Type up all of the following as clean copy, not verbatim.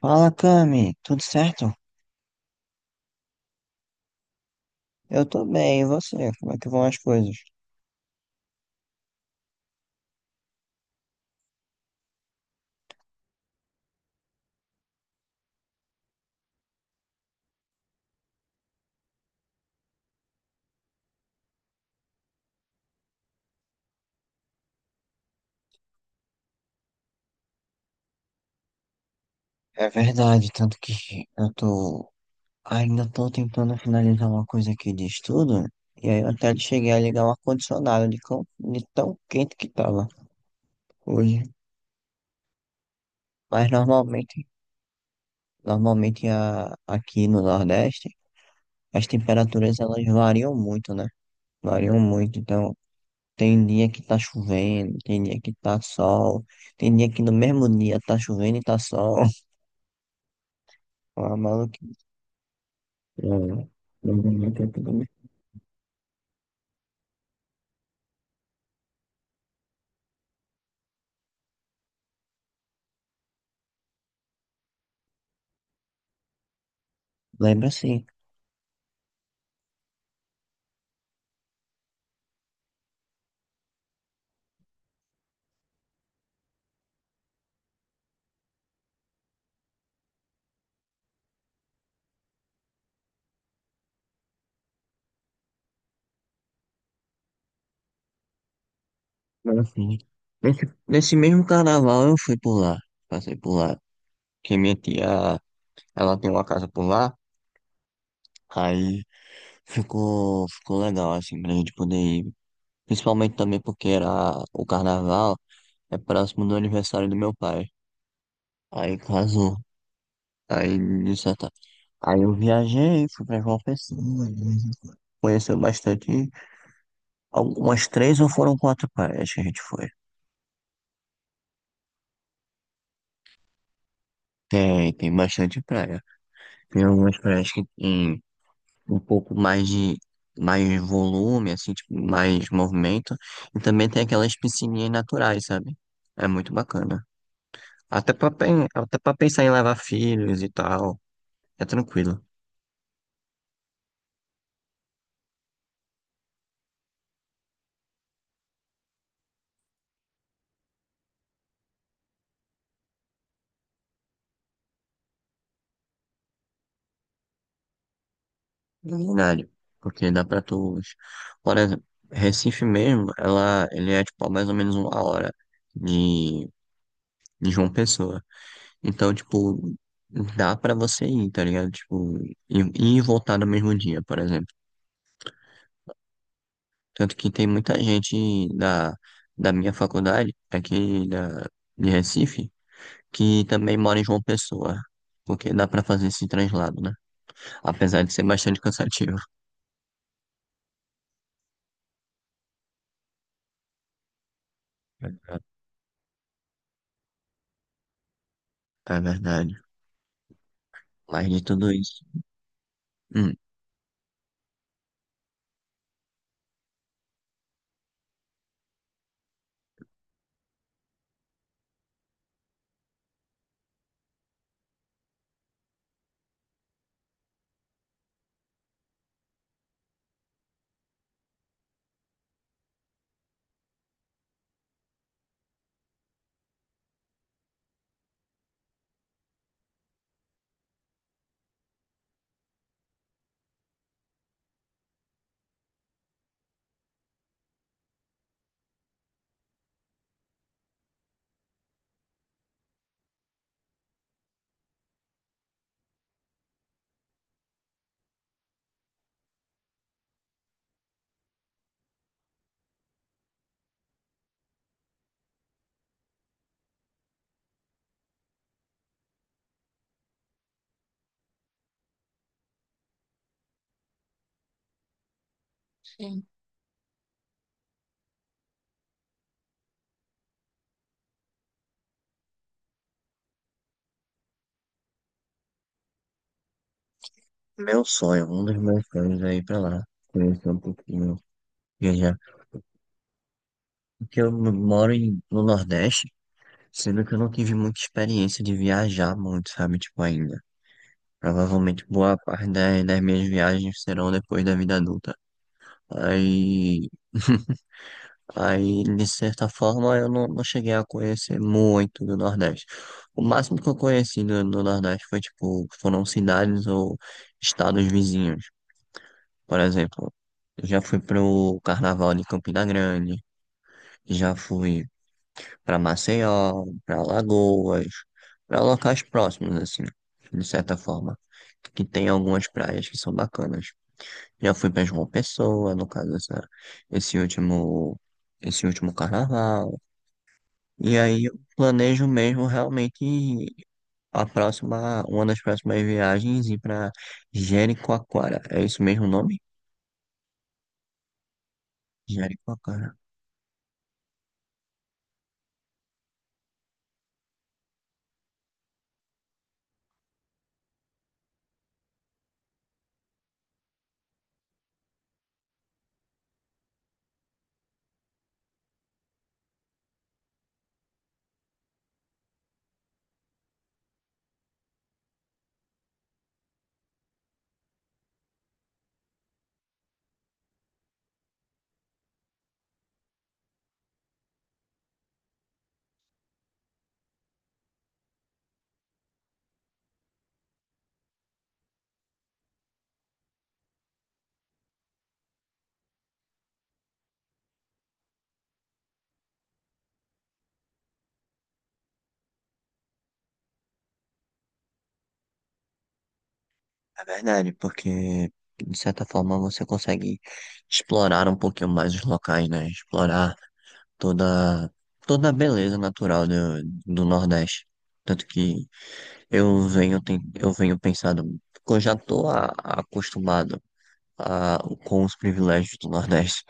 Fala, Cami, tudo certo? Eu tô bem, e você? Como é que vão as coisas? É verdade, tanto que eu tô. Ainda tô tentando finalizar uma coisa aqui de estudo, e aí eu até cheguei a ligar o ar-condicionado de tão quente que tava hoje. Mas normalmente aqui no Nordeste, as temperaturas elas variam muito, né? Variam muito, então tem dia que tá chovendo, tem dia que tá sol, tem dia que no mesmo dia tá chovendo e tá sol. Uma maluquice. Não, não vou nem tentar. Lembra assim. Lembra assim. Nesse mesmo carnaval eu fui por lá. Passei por lá. Que minha tia, ela tem uma casa por lá. Aí ficou legal, assim, pra gente poder ir. Principalmente também porque era o carnaval, é próximo do aniversário do meu pai. Aí casou. Aí, de certa- aí eu viajei, fui pra João Pessoa. Conheceu bastante. Algumas três ou foram quatro praias que a gente foi. Tem bastante praia. Tem algumas praias que tem um pouco mais de mais volume, assim, tipo, mais movimento. E também tem aquelas piscininhas naturais, sabe? É muito bacana. Até pra pensar em levar filhos e tal. É tranquilo. Na verdade. Porque dá pra tu. Por exemplo, Recife mesmo, ele é tipo a mais ou menos uma hora de, de João Pessoa. Então, tipo, dá pra você ir, tá ligado? Tipo, ir e voltar no mesmo dia, por exemplo. Tanto que tem muita gente da minha faculdade, de Recife, que também mora em João Pessoa. Porque dá pra fazer esse translado, né? Apesar de ser bastante cansativo. É verdade. Mas de tudo isso. Hum. Sim. Meu sonho, um dos meus sonhos é ir pra lá. Conhecer um pouquinho. Viajar. Porque eu moro em- no Nordeste. Sendo que eu não tive muita experiência de viajar muito, sabe? Tipo, ainda. Provavelmente boa parte das minhas viagens serão depois da vida adulta. Aí, aí de certa forma, eu não, não cheguei a conhecer muito do Nordeste. O máximo que eu conheci do Nordeste foi, tipo, foram cidades ou estados vizinhos. Por exemplo, eu já fui pro Carnaval de Campina Grande, já fui para Maceió, para Lagoas, para locais próximos, assim, de certa forma, que tem algumas praias que são bacanas. Já fui para João Pessoa, no caso, esse último, esse último carnaval. E aí eu planejo mesmo realmente uma das próximas viagens ir para Jericoacoara. É isso mesmo o nome? Jericoacoara. É verdade, porque de certa forma você consegue explorar um pouquinho mais os locais, né? Explorar toda, toda a beleza natural do Nordeste. Tanto que eu venho pensando, porque eu já estou acostumado a, com os privilégios do Nordeste.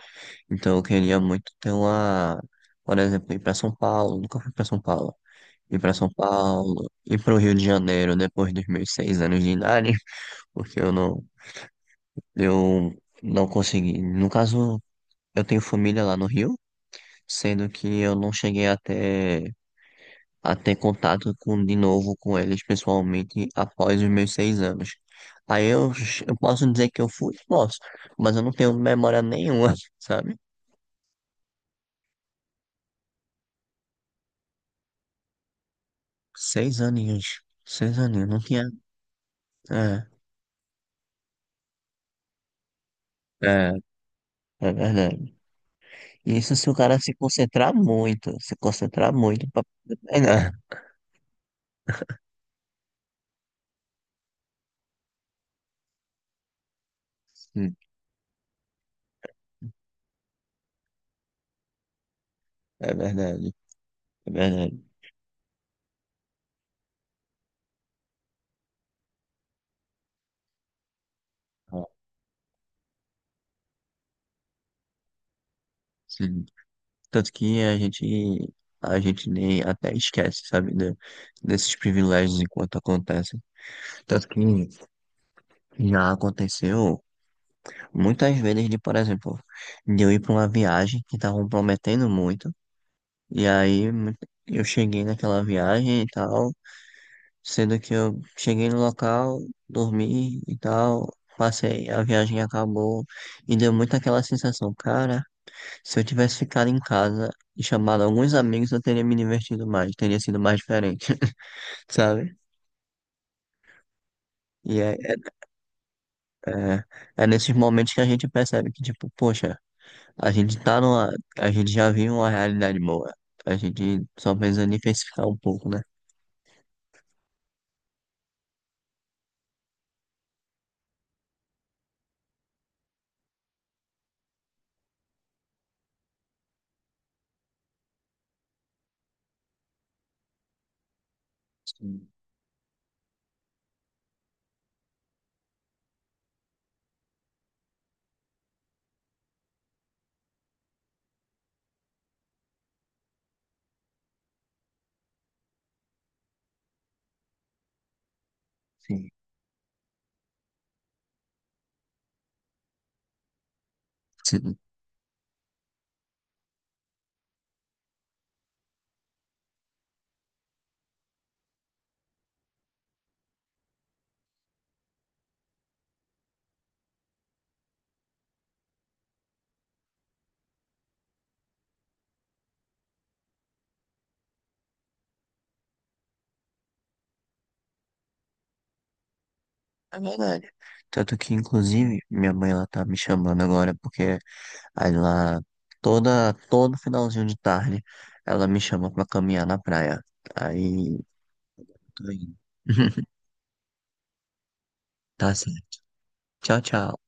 Então eu queria muito ter uma, por exemplo, ir para São Paulo, nunca fui para São Paulo. Ir para São Paulo, ir para o Rio de Janeiro depois dos meus seis anos de idade, porque eu não consegui. No caso, eu tenho família lá no Rio, sendo que eu não cheguei até a ter contato com, de novo com eles pessoalmente após os meus seis anos. Aí eu, eu posso dizer que eu fui? Posso, mas eu não tenho memória nenhuma, sabe? Seis aninhos. Seis aninhos, não tinha. É, é, é verdade. Isso se o cara se concentrar muito, se concentrar muito pra. É, não. Sim, é verdade, é verdade. Ah. Sim. Tanto que a gente nem até esquece, sabe, desses privilégios enquanto acontecem. Tanto que já aconteceu muitas vezes de, por exemplo, de eu ir para uma viagem que estavam prometendo muito, e aí mu- eu cheguei naquela viagem e tal, sendo que eu cheguei no local, dormi e tal, passei, a viagem acabou, e deu muito aquela sensação, cara. Se eu tivesse ficado em casa e chamado alguns amigos, eu teria me divertido mais, teria sido mais diferente, sabe? E é, é, é, é nesses momentos que a gente percebe que, tipo, poxa, a gente tá numa, a gente já vive uma realidade boa. A gente só precisa diversificar um pouco, né? Sim, sim. Sim. É verdade. Tanto que, inclusive, minha mãe, ela tá me chamando agora, porque aí lá, todo finalzinho de tarde, ela me chama pra caminhar na praia. Aí tô indo. Tá certo. Tchau, tchau.